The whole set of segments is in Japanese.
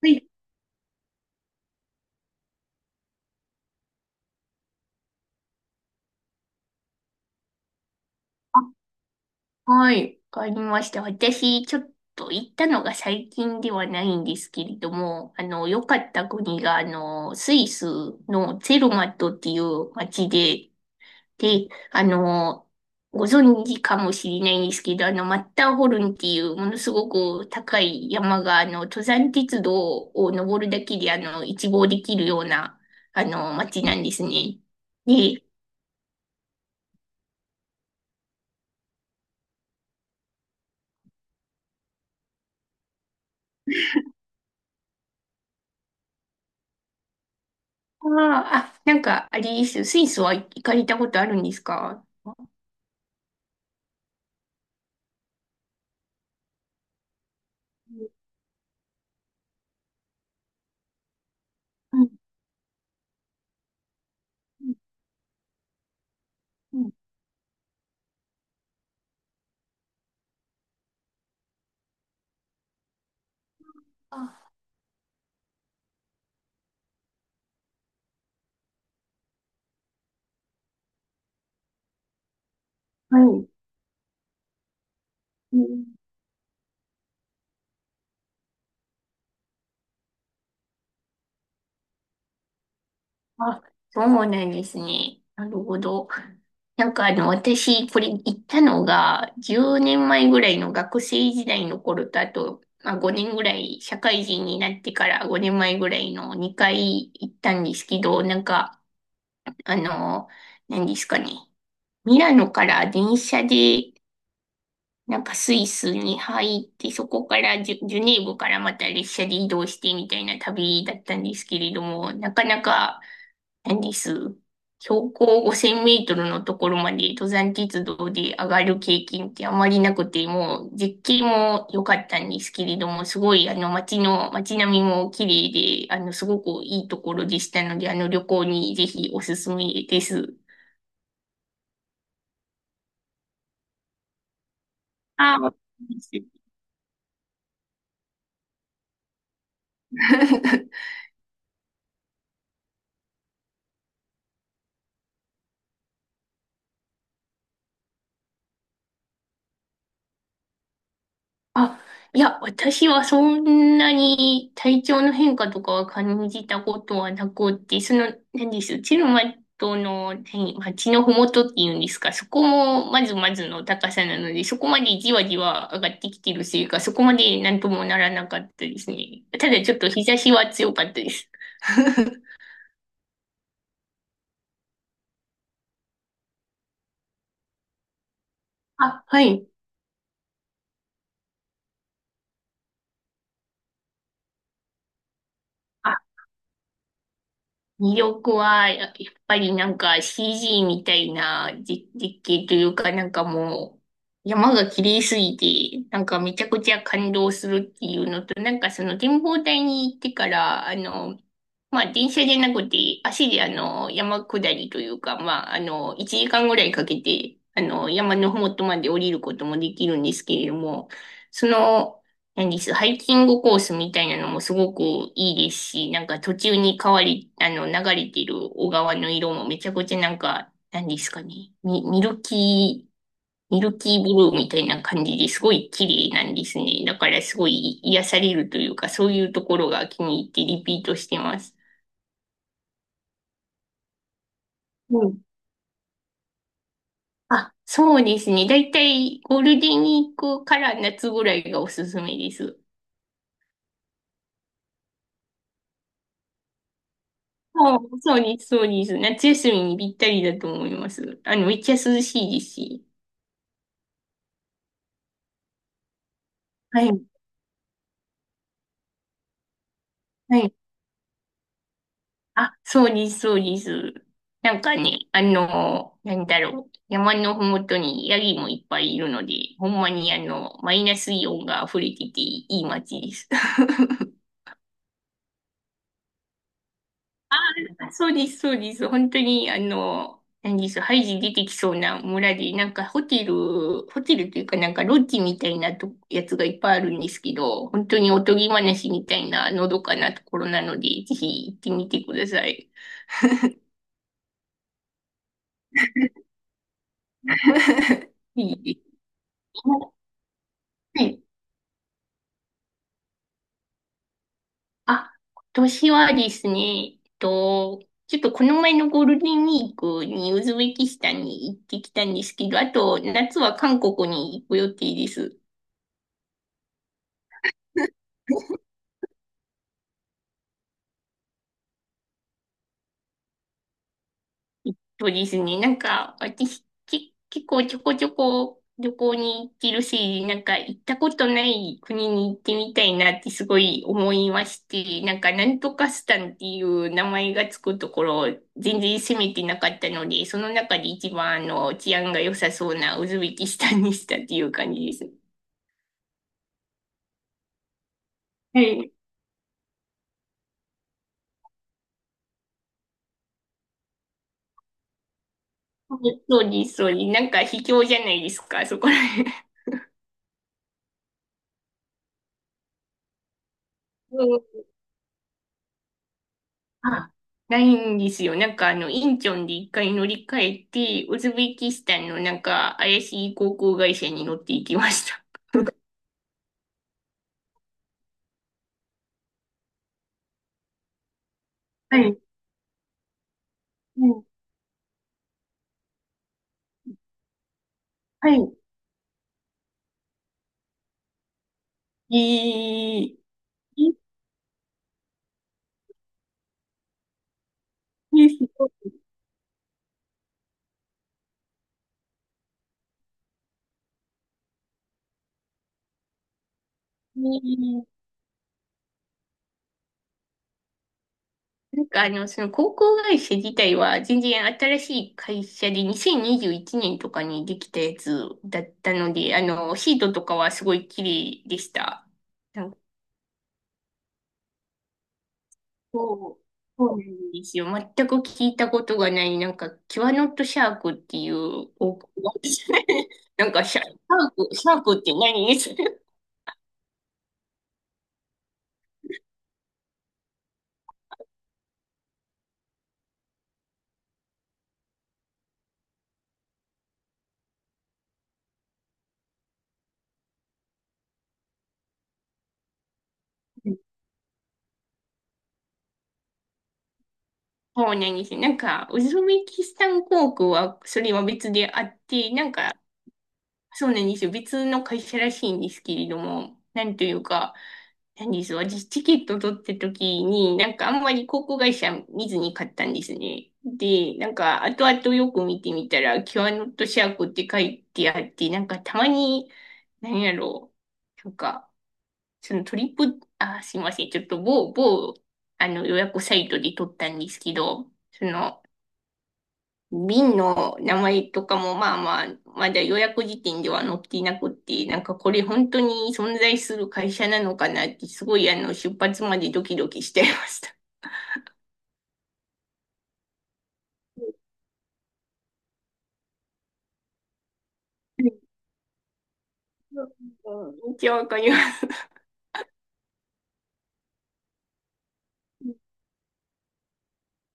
はい。あ、はい。わかりました。私、ちょっと行ったのが最近ではないんですけれども、良かった国が、スイスのツェルマットっていう街で、で、ご存知かもしれないんですけど、マッターホルンっていうものすごく高い山が、登山鉄道を登るだけで、一望できるような、街なんですね。で、なんか、あれです。スイスは行かれたことあるんですか？うん。うん。あ、はい。うん。あ、そうなんですね。なるほど。なんかあの、私、これ行ったのが、10年前ぐらいの学生時代の頃と、あと、まあ、5年ぐらい、社会人になってから5年前ぐらいの2回行ったんですけど、なんか、あの、何ですかね。ミラノから電車でなんかスイスに入って、そこからジュネーブからまた列車で移動してみたいな旅だったんですけれども、なかなか、何です。標高5000メートルのところまで登山鉄道で上がる経験ってあまりなくて、もう絶景も良かったんですけれども、すごいあの街の、街並みも綺麗で、あのすごくいいところでしたので、あの旅行にぜひおすすめです。ああ、わか あ、いや、私はそんなに体調の変化とかは感じたことはなくって、その、何です、うちのマトの、何、町のふもとっていうんですか、そこもまずまずの高さなので、そこまでじわじわ上がってきてるせいか、そこまでなんともならなかったですね。ただちょっと日差しは強かったです。あ、はい。魅力は、やっぱりなんか CG みたいな実景というか、なんかもう、山が綺麗すぎて、なんかめちゃくちゃ感動するっていうのと、なんかその展望台に行ってから、まあ、電車じゃなくて、足で山下りというか、まあ、1時間ぐらいかけて、山のふもとまで降りることもできるんですけれども、その、何です、ハイキングコースみたいなのもすごくいいですし、なんか途中に変わり、流れてる小川の色もめちゃくちゃなんか、何ですかね、ミルキー、ミルキーブルーみたいな感じですごい綺麗なんですね。だからすごい癒されるというか、そういうところが気に入ってリピートしてます。うん。あ、そうですね。だいたいゴールデンウィークから夏ぐらいがおすすめです。あそうです、そうです。夏休みにぴったりだと思います。めっちゃ涼しいですし。はい、はい。あ、そうです、そうです。なんかね、なんだろう。山のふもとにヤギもいっぱいいるので、ほんまにあの、マイナスイオンが溢れてていい街です。あそうです、そうです。本当に、何です、ハイジ出てきそうな村で、なんかホテルというかなんかロッジみたいなとやつがいっぱいあるんですけど、本当におとぎ話みたいなのどかなところなので、ぜひ行ってみてください。いいですね。はい。あ、今年はですね、ちょっとこの前のゴールデンウィークにウズベキスタンに行ってきたんですけど、あと夏は韓国に行く予定です。そうですね。なんか、私、結構ちょこちょこ旅行に行ってるし、なんか行ったことない国に行ってみたいなってすごい思いまして、なんかなんとかスタンっていう名前がつくところ、全然攻めてなかったので、その中で一番あの治安が良さそうなウズベキスタンにしたっていう感じです。はい。そうです、そうです。なんか卑怯じゃないですか、そこら辺。うん。あ、ないんですよ。なんかあの、インチョンで一回乗り換えて、ウズベキスタンのなんか怪しい航空会社に乗っていきました。はい。うん。はい。えー、いいですよ。えー、なんかあの、その航空会社自体は全然新しい会社で2021年とかにできたやつだったので、シートとかはすごい綺麗でした。そう、そうなんですよ。全く聞いたことがない、なんか、キュアノットシャークっていう、お、なんかシャークって何です？ そうなんですよ。なんか、ウズベキスタン航空は、それは別であって、なんか、そうなんですよ。別の会社らしいんですけれども、なんというか、なんです私、チケット取った時に、なんかあんまり航空会社見ずに買ったんですね。で、なんか後々よく見てみたら、キュアノットシャークって書いてあって、なんかたまに、何やろう、なんか、そのトリップ、あ、すいません、ちょっと某、あの予約サイトで取ったんですけど、その、瓶の名前とかもまあまあ、まだ予約時点では載っていなくって、なんかこれ本当に存在する会社なのかなって、すごいあの、出発までドキドキしちゃいました。めっちゃわかります。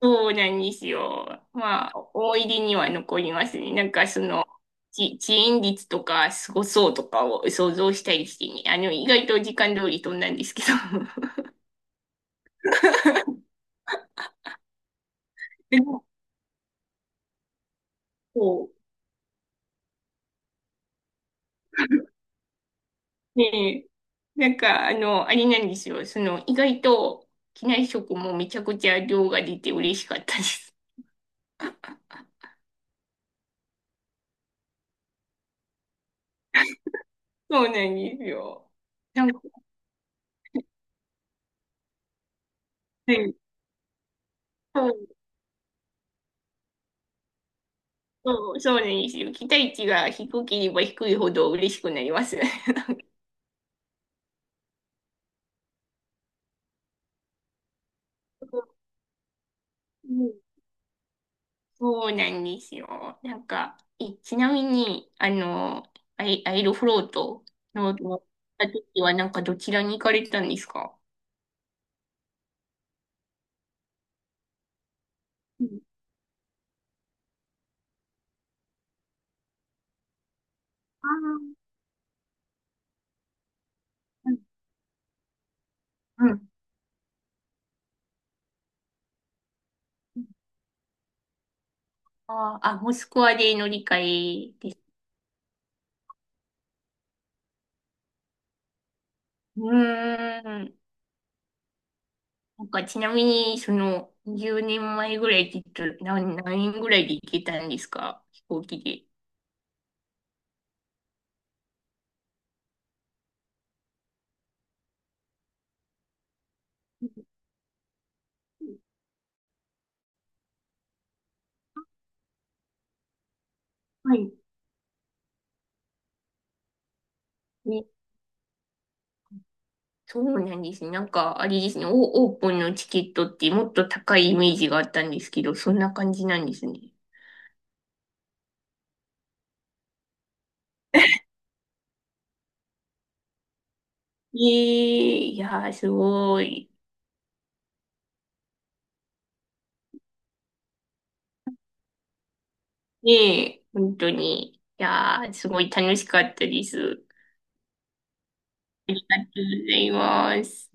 そうなんですよ。まあ、思い出には残りますね。なんかその、遅延率とかすごそうとかを想像したりしてね。意外と時間通り飛んだんですけど。でも、ねえ、なんか、あれなんですよ。その、意外と、機内食もめちゃくちゃ量が出て嬉しかったです。そうなんですよ。なんか、ねえ、そう、そうなんですよ。期待値が低ければ低いほど嬉しくなります。なんか、うん、そうなんですよ。なんか、え、ちなみに、アイロフロートの、の時は、なんか、どちらに行かれたんですか？うん。あー。うん。うん。ああ、モスクワで乗り換えです。うーん。なんかちなみに、その、10年前ぐらいって言ったら、何円ぐらいで行けたんですか？飛行機で。はい。ね、そうなんですね。なんか、あれですね、オープンのチケットってもっと高いイメージがあったんですけど、そんな感じなんですね。ええいやー、すごい。ねえ、本当に。いやー、すごい楽しかったです。ありがとうございます。